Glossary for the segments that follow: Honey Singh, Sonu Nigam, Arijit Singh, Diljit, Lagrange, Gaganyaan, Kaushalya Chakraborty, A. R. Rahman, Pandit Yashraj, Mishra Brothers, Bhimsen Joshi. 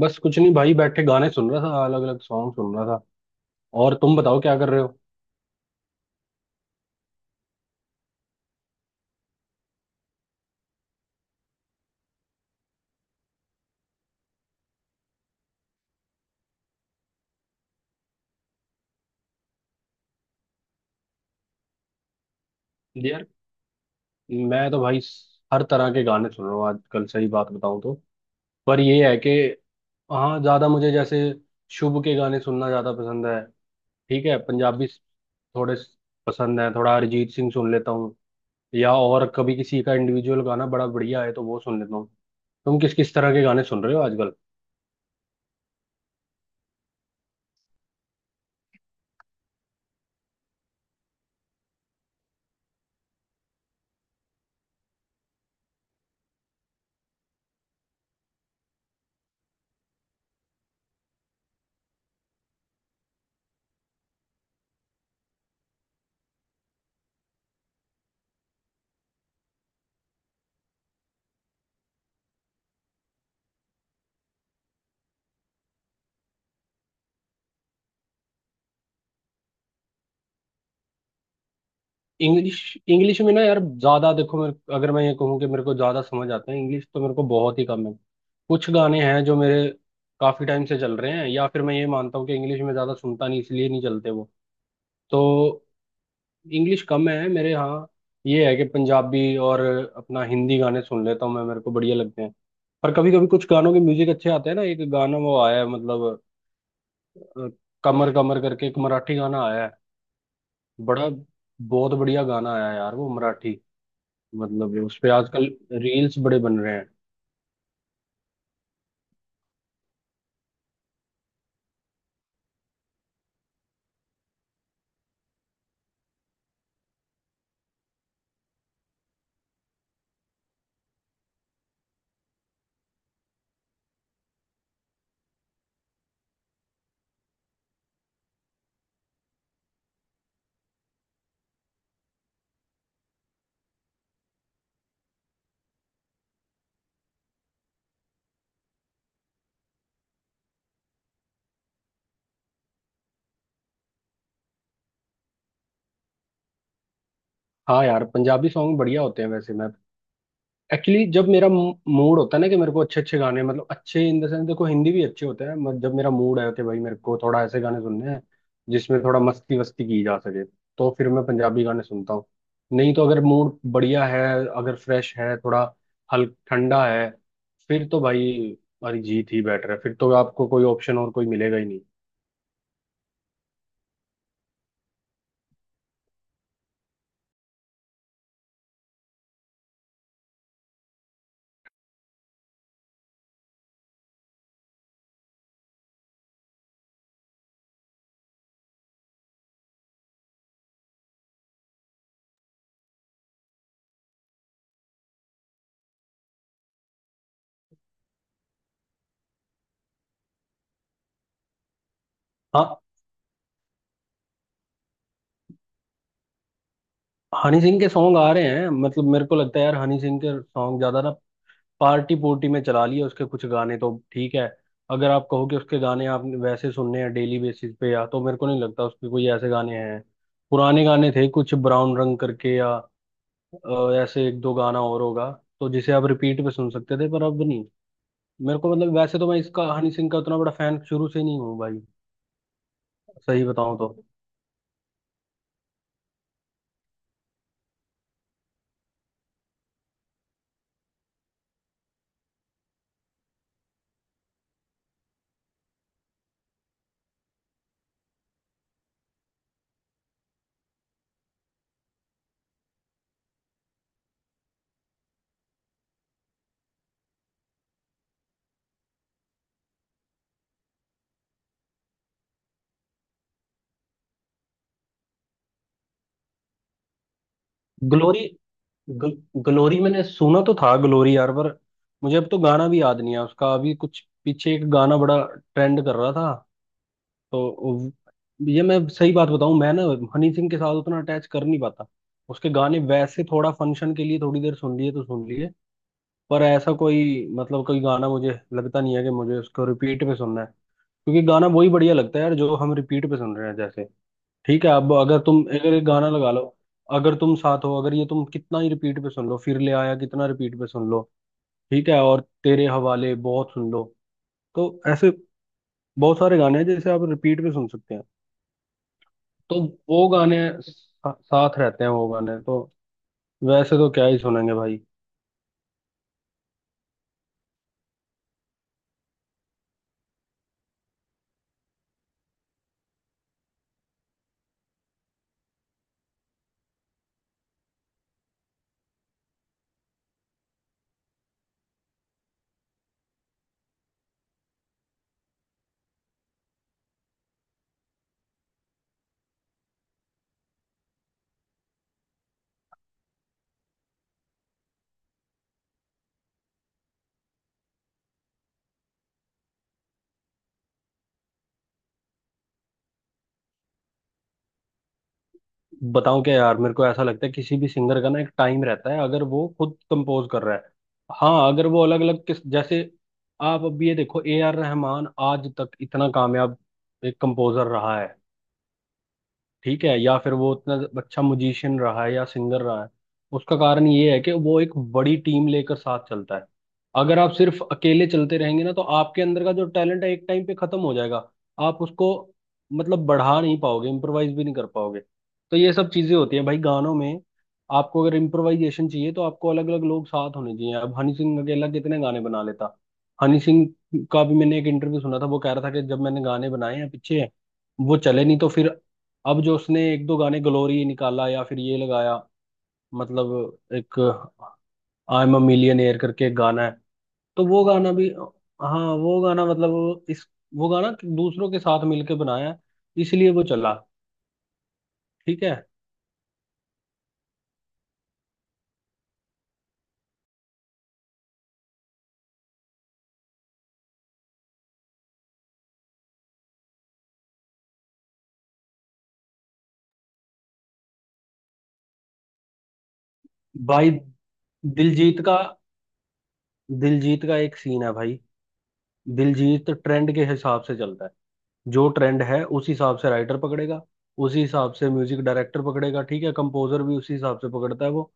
बस कुछ नहीं भाई, बैठे गाने सुन रहा था, अलग अलग सॉन्ग सुन रहा था। और तुम बताओ क्या कर रहे हो। यार मैं तो भाई हर तरह के गाने सुन रहा हूँ आजकल, सही बात बताऊं तो। पर ये है कि हाँ, ज्यादा मुझे जैसे शुभ के गाने सुनना ज्यादा पसंद है। ठीक है, पंजाबी थोड़े पसंद है। थोड़ा अरिजीत सिंह सुन लेता हूँ, या और कभी किसी का इंडिविजुअल गाना बड़ा बढ़िया है तो वो सुन लेता हूँ। तुम किस किस तरह के गाने सुन रहे हो आजकल। इंग्लिश इंग्लिश में ना यार, ज्यादा देखो, मेरे, अगर मैं ये कहूँ कि मेरे को ज्यादा समझ आता है इंग्लिश, तो मेरे को बहुत ही कम है। कुछ गाने हैं जो मेरे काफी टाइम से चल रहे हैं, या फिर मैं ये मानता हूँ कि इंग्लिश में ज्यादा सुनता नहीं, इसलिए नहीं चलते वो। तो इंग्लिश कम है मेरे यहाँ। ये है कि पंजाबी और अपना हिंदी गाने सुन लेता हूँ, मैं मेरे को बढ़िया लगते हैं। पर कभी कभी कुछ गानों के म्यूजिक अच्छे आते हैं ना, एक गाना वो आया है, मतलब अ, कमर कमर करके एक मराठी गाना आया है। बड़ा बहुत बढ़िया गाना आया है यार वो मराठी, मतलब उस पे आजकल रील्स बड़े बन रहे हैं। हाँ यार, पंजाबी सॉन्ग बढ़िया होते हैं। वैसे मैं एक्चुअली जब मेरा मूड होता है ना, कि मेरे को अच्छे अच्छे गाने, मतलब अच्छे इन द सेंस देखो, हिंदी भी अच्छे होते हैं, मत जब मेरा मूड है कि भाई मेरे को थोड़ा ऐसे गाने सुनने हैं जिसमें थोड़ा मस्ती वस्ती की जा सके, तो फिर मैं पंजाबी गाने सुनता हूँ। नहीं तो अगर मूड बढ़िया है, अगर फ्रेश है, थोड़ा हल्क ठंडा है, फिर तो भाई अरिजीत ही बेटर है। फिर तो आपको कोई ऑप्शन और कोई मिलेगा ही नहीं। हाँ, हनी सिंह के सॉन्ग आ रहे हैं, मतलब मेरे को लगता है यार हनी सिंह के सॉन्ग ज्यादा ना, पार्टी पुर्टी में चला लिया, उसके कुछ गाने तो ठीक है। अगर आप कहो कि उसके गाने आप वैसे सुनने हैं डेली बेसिस पे, या तो मेरे को नहीं लगता उसके कोई ऐसे गाने हैं। पुराने गाने थे कुछ, ब्राउन रंग करके, या ऐसे एक दो गाना और होगा तो जिसे आप रिपीट पे सुन सकते थे, पर अब नहीं। मेरे को मतलब, वैसे तो मैं इसका हनी सिंह का उतना बड़ा फैन शुरू से नहीं हूँ भाई, सही बताऊं तो। ग्लोरी, ग्ल, ग्लोरी मैंने सुना तो था, ग्लोरी यार, पर मुझे अब तो गाना भी याद नहीं है उसका। अभी कुछ पीछे एक गाना बड़ा ट्रेंड कर रहा था तो, ये मैं सही बात बताऊं, मैं ना हनी सिंह के साथ उतना अटैच कर नहीं पाता। उसके गाने वैसे थोड़ा फंक्शन के लिए थोड़ी देर सुन लिए तो सुन लिए, पर ऐसा कोई मतलब कोई गाना मुझे लगता नहीं है कि मुझे उसको रिपीट पे सुनना है। क्योंकि गाना वही बढ़िया लगता है यार जो हम रिपीट पे सुन रहे हैं। जैसे ठीक है, अब अगर तुम, अगर एक गाना लगा लो, अगर तुम साथ हो, अगर ये तुम कितना ही रिपीट पे सुन लो, फिर ले आया कितना रिपीट पे सुन लो, ठीक है, और तेरे हवाले बहुत सुन लो, तो ऐसे बहुत सारे गाने हैं जैसे आप रिपीट पे सुन सकते हैं। तो वो गाने साथ रहते हैं, वो गाने तो वैसे तो क्या ही सुनेंगे भाई। बताऊं क्या यार, मेरे को ऐसा लगता है किसी भी सिंगर का ना एक टाइम रहता है, अगर वो खुद कंपोज कर रहा है। हाँ, अगर वो अलग अलग किस जैसे, आप अब ये देखो ए आर रहमान आज तक इतना कामयाब एक कंपोजर रहा है, ठीक है, या फिर वो उतना अच्छा म्यूजिशियन रहा है, या सिंगर रहा है, उसका कारण ये है कि वो एक बड़ी टीम लेकर साथ चलता है। अगर आप सिर्फ अकेले चलते रहेंगे ना, तो आपके अंदर का जो टैलेंट है एक टाइम पे खत्म हो जाएगा। आप उसको मतलब बढ़ा नहीं पाओगे, इम्प्रोवाइज भी नहीं कर पाओगे। तो ये सब चीजें होती है भाई गानों में। आपको अगर इम्प्रोवाइजेशन चाहिए, तो आपको अलग अलग लोग साथ होने चाहिए। अब हनी सिंह अकेला कितने गाने बना लेता। हनी सिंह का भी मैंने एक इंटरव्यू सुना था, वो कह रहा था कि जब मैंने गाने बनाए हैं पीछे, वो चले नहीं, तो फिर अब जो उसने एक दो गाने, ग्लोरी निकाला या फिर ये लगाया, मतलब एक आई एम अ मिलियनेयर करके एक गाना है, तो वो गाना भी, हाँ वो गाना मतलब वो इस, वो गाना दूसरों के साथ मिलके बनाया है, इसलिए वो चला। ठीक है भाई, दिलजीत का, दिलजीत का एक सीन है भाई। दिलजीत ट्रेंड के हिसाब से चलता है, जो ट्रेंड है उस हिसाब से राइटर पकड़ेगा, उसी हिसाब से म्यूजिक डायरेक्टर पकड़ेगा, ठीक है, कंपोजर भी उसी हिसाब से पकड़ता है वो।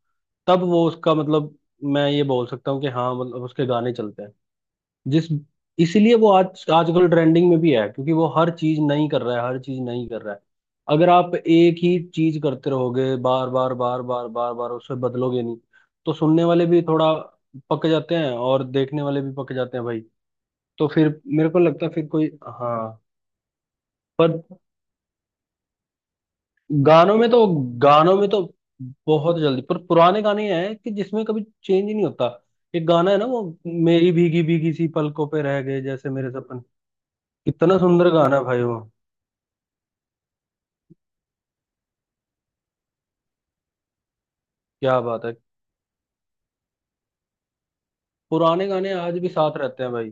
तब वो उसका मतलब, मैं ये बोल सकता हूँ कि हाँ मतलब उसके गाने चलते हैं। जिस, इसीलिए वो आज आजकल ट्रेंडिंग में भी है, क्योंकि वो हर चीज नहीं कर रहा है, हर चीज नहीं कर रहा है। अगर आप एक ही चीज करते रहोगे बार बार बार बार बार बार, उसे बदलोगे नहीं, तो सुनने वाले भी थोड़ा पक जाते हैं, और देखने वाले भी पक जाते हैं भाई। तो फिर मेरे को लगता है फिर कोई। हाँ, पर गानों में तो, गानों में तो बहुत जल्दी, पर पुराने गाने हैं कि जिसमें कभी चेंज ही नहीं होता। एक गाना है ना, वो मेरी भीगी भीगी सी पलकों पे रह गए जैसे मेरे सपन, कितना सुंदर गाना है भाई वो। क्या बात है, पुराने गाने आज भी साथ रहते हैं भाई।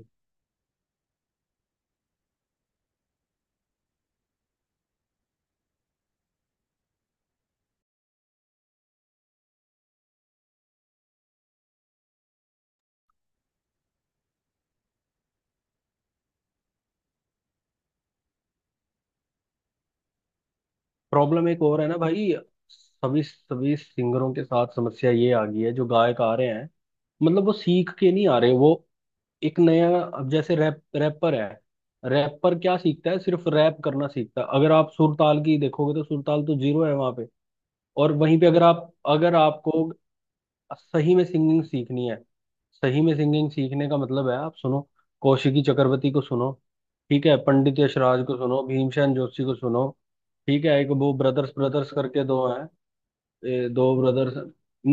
प्रॉब्लम एक और है ना भाई, सभी सभी सिंगरों के साथ समस्या ये आ गई है, जो गायक आ रहे हैं, मतलब वो सीख के नहीं आ रहे। वो एक नया, अब जैसे रैप रैपर है, रैपर क्या सीखता है, सिर्फ रैप करना सीखता है। अगर आप सुरताल की देखोगे तो सुरताल तो जीरो है वहां पे। और वहीं पे अगर आप, अगर आपको सही में सिंगिंग सीखनी है, सही में सिंगिंग सीखने का मतलब है आप सुनो, कौशिकी चक्रवर्ती को सुनो, ठीक है, पंडित यशराज को सुनो, भीमसेन जोशी को सुनो, ठीक है। एक वो ब्रदर्स ब्रदर्स करके दो हैं, दो ब्रदर्स,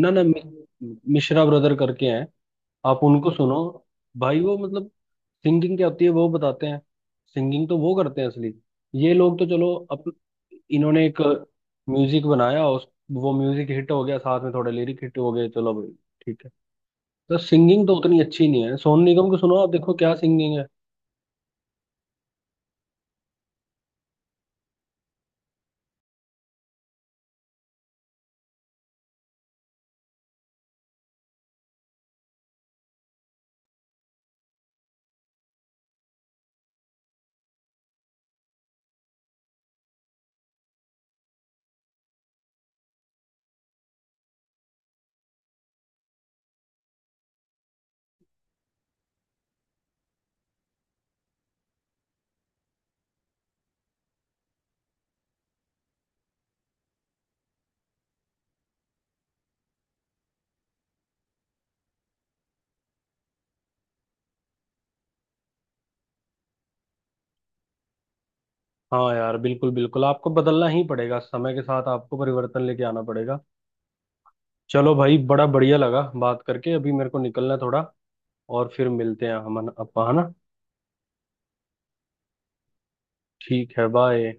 ना ना मि- मिश्रा ब्रदर करके हैं। आप उनको सुनो भाई, वो मतलब सिंगिंग क्या होती है वो बताते हैं। सिंगिंग तो वो करते हैं असली। ये लोग तो चलो अप, इन्होंने एक म्यूजिक बनाया, उस, वो म्यूजिक हिट हो गया, साथ में थोड़े लिरिक हिट हो गए, चलो भाई, ठीक है। तो सिंगिंग तो उतनी अच्छी नहीं है। सोनू निगम को सुनो आप, देखो क्या सिंगिंग है। हाँ यार, बिल्कुल बिल्कुल आपको बदलना ही पड़ेगा, समय के साथ आपको परिवर्तन लेके आना पड़ेगा। चलो भाई, बड़ा बढ़िया लगा बात करके। अभी मेरे को निकलना है थोड़ा, और फिर मिलते हैं हम, अपन है ना। ठीक है, बाय।